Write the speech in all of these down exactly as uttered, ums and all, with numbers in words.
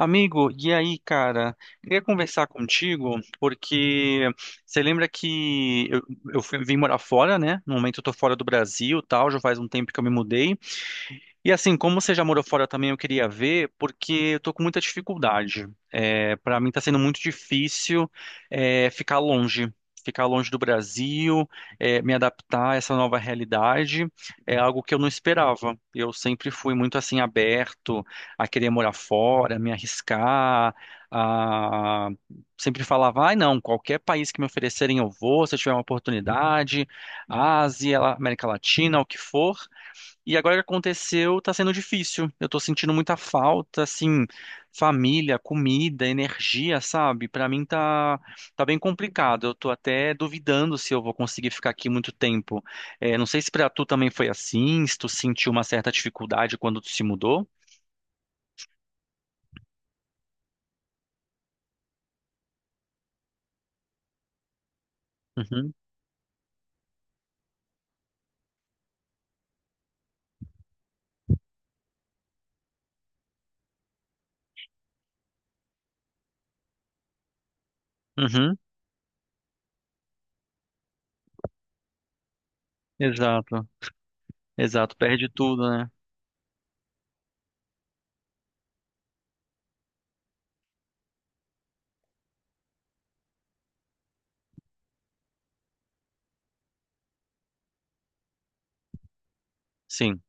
Amigo, e aí, cara? Queria conversar contigo porque você lembra que eu, eu fui- vim morar fora, né? No momento eu tô fora do Brasil, e tal, já faz um tempo que eu me mudei. E assim, como você já morou fora também, eu queria ver, porque eu tô com muita dificuldade. É, para mim tá sendo muito difícil é, ficar longe, ficar longe do Brasil, é, me adaptar a essa nova realidade. É algo que eu não esperava. Eu sempre fui muito assim aberto a querer morar fora, me arriscar, a... sempre falava, ai não, qualquer país que me oferecerem eu vou, se eu tiver uma oportunidade, Ásia, América Latina, o que for. E agora que aconteceu, tá sendo difícil. Eu tô sentindo muita falta, assim, família, comida, energia, sabe? Pra mim tá, tá bem complicado. Eu tô até duvidando se eu vou conseguir ficar aqui muito tempo. É, não sei se pra tu também foi assim, se tu sentiu uma certa dificuldade quando tu se mudou. Uhum, uhum, exato, exato. Perde tudo, né? Sim.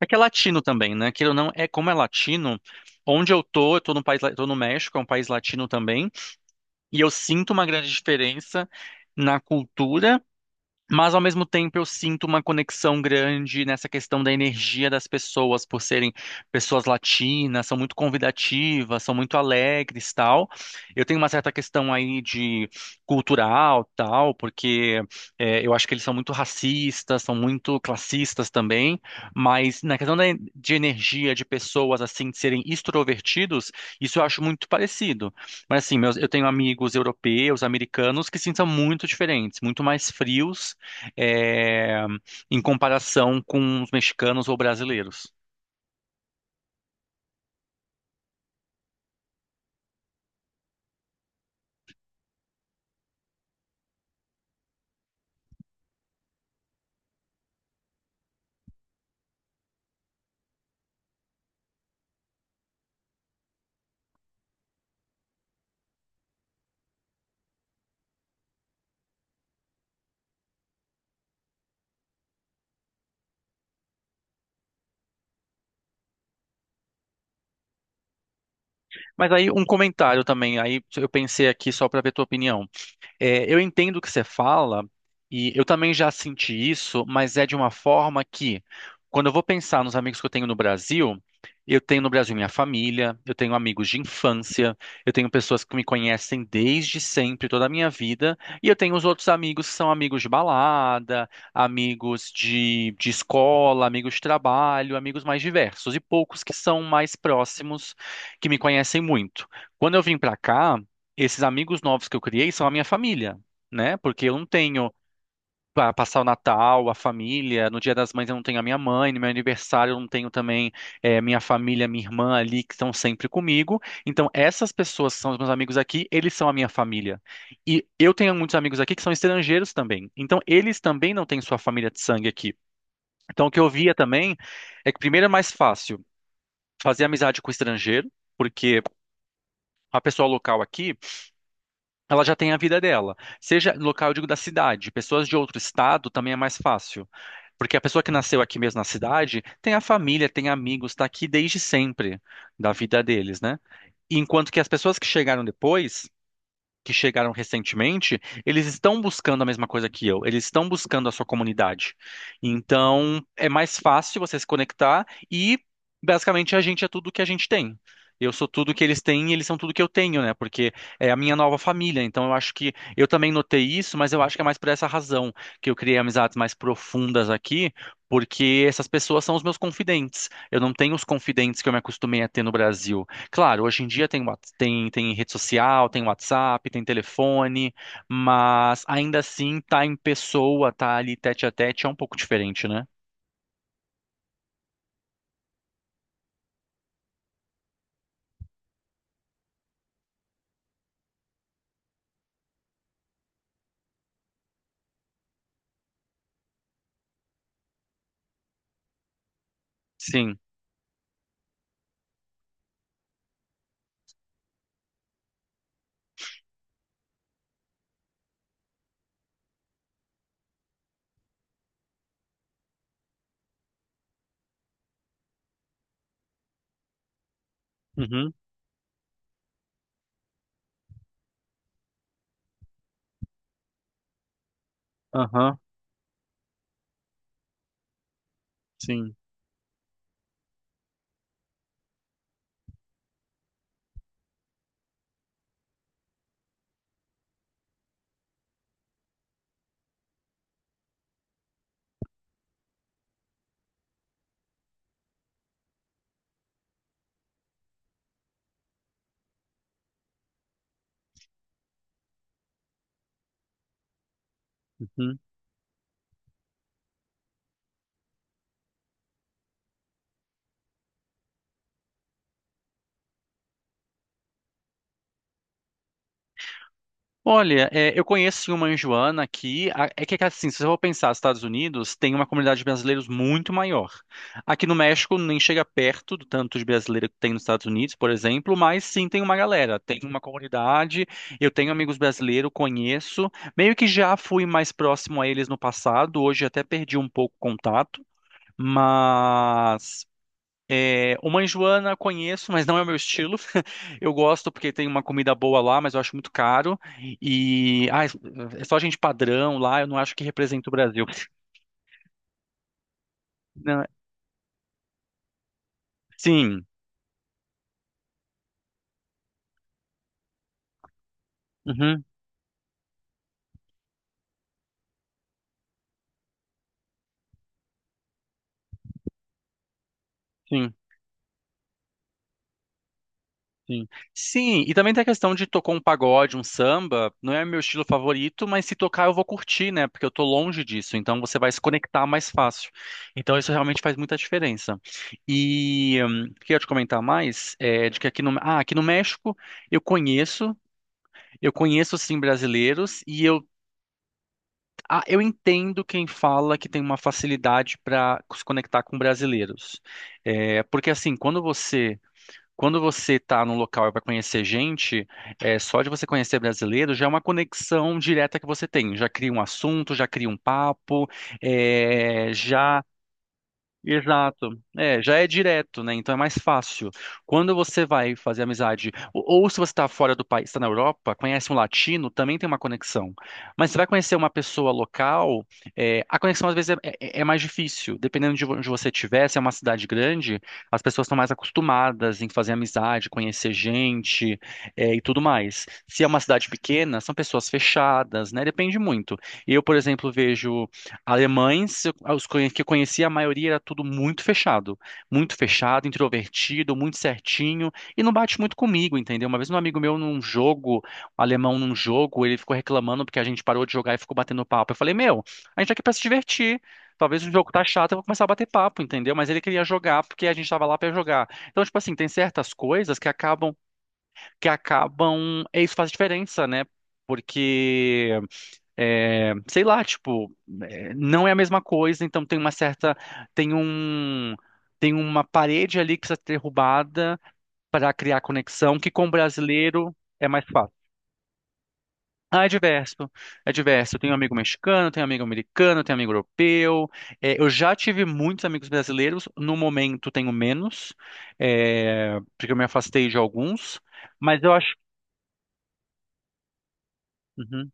É que é latino também, né? Queira ou não, é como é latino. Onde eu tô, eu tô no país, la- tô no México, é um país latino também. E eu sinto uma grande diferença na cultura. Mas ao mesmo tempo eu sinto uma conexão grande nessa questão da energia das pessoas por serem pessoas latinas, são muito convidativas, são muito alegres, tal. Eu tenho uma certa questão aí de cultural, tal, porque é, eu acho que eles são muito racistas, são muito classistas também, mas na questão da, en- de energia de pessoas assim de serem extrovertidos, isso eu acho muito parecido. Mas assim, meus, eu tenho amigos europeus, americanos que sim são muito diferentes, muito mais frios é, em comparação com os mexicanos ou brasileiros. Mas aí um comentário também, aí eu pensei aqui só para ver tua opinião. É, eu entendo o que você fala e eu também já senti isso, mas é de uma forma que, quando eu vou pensar nos amigos que eu tenho no Brasil, eu tenho no Brasil minha família, eu tenho amigos de infância, eu tenho pessoas que me conhecem desde sempre, toda a minha vida, e eu tenho os outros amigos que são amigos de balada, amigos de, de escola, amigos de trabalho, amigos mais diversos, e poucos que são mais próximos, que me conhecem muito. Quando eu vim para cá, esses amigos novos que eu criei são a minha família, né? Porque eu não tenho para passar o Natal, a família, no Dia das Mães eu não tenho a minha mãe, no meu aniversário eu não tenho também eh, minha família, minha irmã ali que estão sempre comigo. Então essas pessoas que são os meus amigos aqui, eles são a minha família. E eu tenho muitos amigos aqui que são estrangeiros também. Então eles também não têm sua família de sangue aqui. Então o que eu via também é que primeiro é mais fácil fazer amizade com estrangeiro, porque a pessoa local aqui ela já tem a vida dela. Seja local, eu digo, da cidade. Pessoas de outro estado também é mais fácil. Porque a pessoa que nasceu aqui mesmo na cidade tem a família, tem amigos, está aqui desde sempre da vida deles, né? Enquanto que as pessoas que chegaram depois que chegaram recentemente, eles estão buscando a mesma coisa que eu, eles estão buscando a sua comunidade. Então, é mais fácil você se conectar e basicamente a gente é tudo que a gente tem. Eu sou tudo que eles têm e eles são tudo que eu tenho, né? Porque é a minha nova família. Então eu acho que eu também notei isso, mas eu acho que é mais por essa razão que eu criei amizades mais profundas aqui, porque essas pessoas são os meus confidentes. Eu não tenho os confidentes que eu me acostumei a ter no Brasil. Claro, hoje em dia tem, Whats- tem, tem rede social, tem WhatsApp, tem telefone, mas ainda assim tá em pessoa, tá ali tete a tete, é um pouco diferente, né? Sim. Uhum. Aham. Sim. Uhum. Olha, é, eu conheço sim, uma em Joana aqui. A- É que assim, se você for pensar, nos Estados Unidos tem uma comunidade de brasileiros muito maior. Aqui no México nem chega perto do tanto de brasileiro que tem nos Estados Unidos, por exemplo, mas sim tem uma galera, tem uma comunidade. Eu tenho amigos brasileiros, conheço. Meio que já fui mais próximo a eles no passado, hoje até perdi um pouco o contato. Mas é, uma Enjoana conheço, mas não é o meu estilo. Eu gosto porque tem uma comida boa lá, mas eu acho muito caro. E ah, é só gente padrão lá, eu não acho que representa o Brasil. Não, sim, uhum, sim, sim. Sim, e também tem a questão de tocar um pagode, um samba. Não é meu estilo favorito, mas se tocar eu vou curtir, né? Porque eu tô longe disso, então você vai se conectar mais fácil. Então isso realmente faz muita diferença. E hum, queria te comentar mais é, de que aqui no, ah, aqui no México eu conheço. Eu conheço sim brasileiros e eu, ah, eu entendo quem fala que tem uma facilidade para se conectar com brasileiros. É, porque assim, quando você quando você está num local e vai conhecer gente, é, só de você conhecer brasileiro já é uma conexão direta que você tem. Já cria um assunto, já cria um papo, é, já exato. É, já é direto, né? Então é mais fácil. Quando você vai fazer amizade, ou, ou se você está fora do país, está na Europa, conhece um latino, também tem uma conexão. Mas você vai conhecer uma pessoa local, é, a conexão às vezes é, é- é mais difícil. Dependendo de onde você estiver, se é uma cidade grande, as pessoas estão mais acostumadas em fazer amizade, conhecer gente, é, e tudo mais. Se é uma cidade pequena, são pessoas fechadas, né? Depende muito. Eu, por exemplo, vejo. Alemães, eu- ah, os conhe- que eu conhecia, a maioria era tudo muito fechado. Muito fechado, introvertido, muito certinho. E não bate muito comigo, entendeu? Uma vez um amigo meu num jogo, um alemão num jogo, ele ficou reclamando porque a gente parou de jogar e ficou batendo papo. Eu falei, meu, a gente tá aqui pra se divertir. Talvez o jogo tá chato, eu vou começar a bater papo, entendeu? Mas ele queria jogar porque a gente tava lá pra jogar. Então, tipo assim, tem certas coisas que acabam, que acabam, é isso faz diferença, né? Porque é, sei lá, tipo, é, não é a mesma coisa, então tem uma certa, tem um, tem uma parede ali que precisa ser derrubada para criar conexão, que com o brasileiro é mais fácil. Ah, é diverso, é diverso. Eu tenho um amigo mexicano, tenho um amigo americano, tenho um amigo europeu. É, eu já tive muitos amigos brasileiros, no momento tenho menos, é, porque eu me afastei de alguns, mas eu acho. Uhum,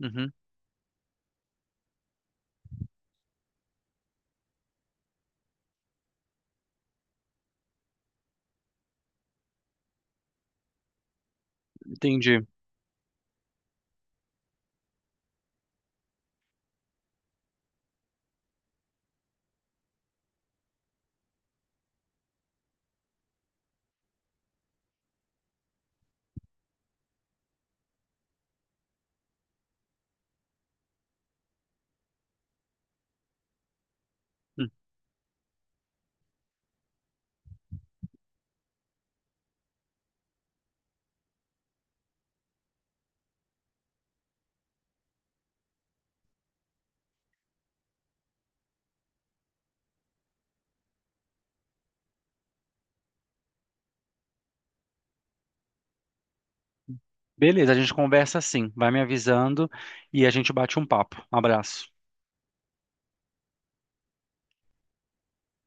uhum, entendi. Beleza, a gente conversa assim, vai me avisando e a gente bate um papo. Um abraço.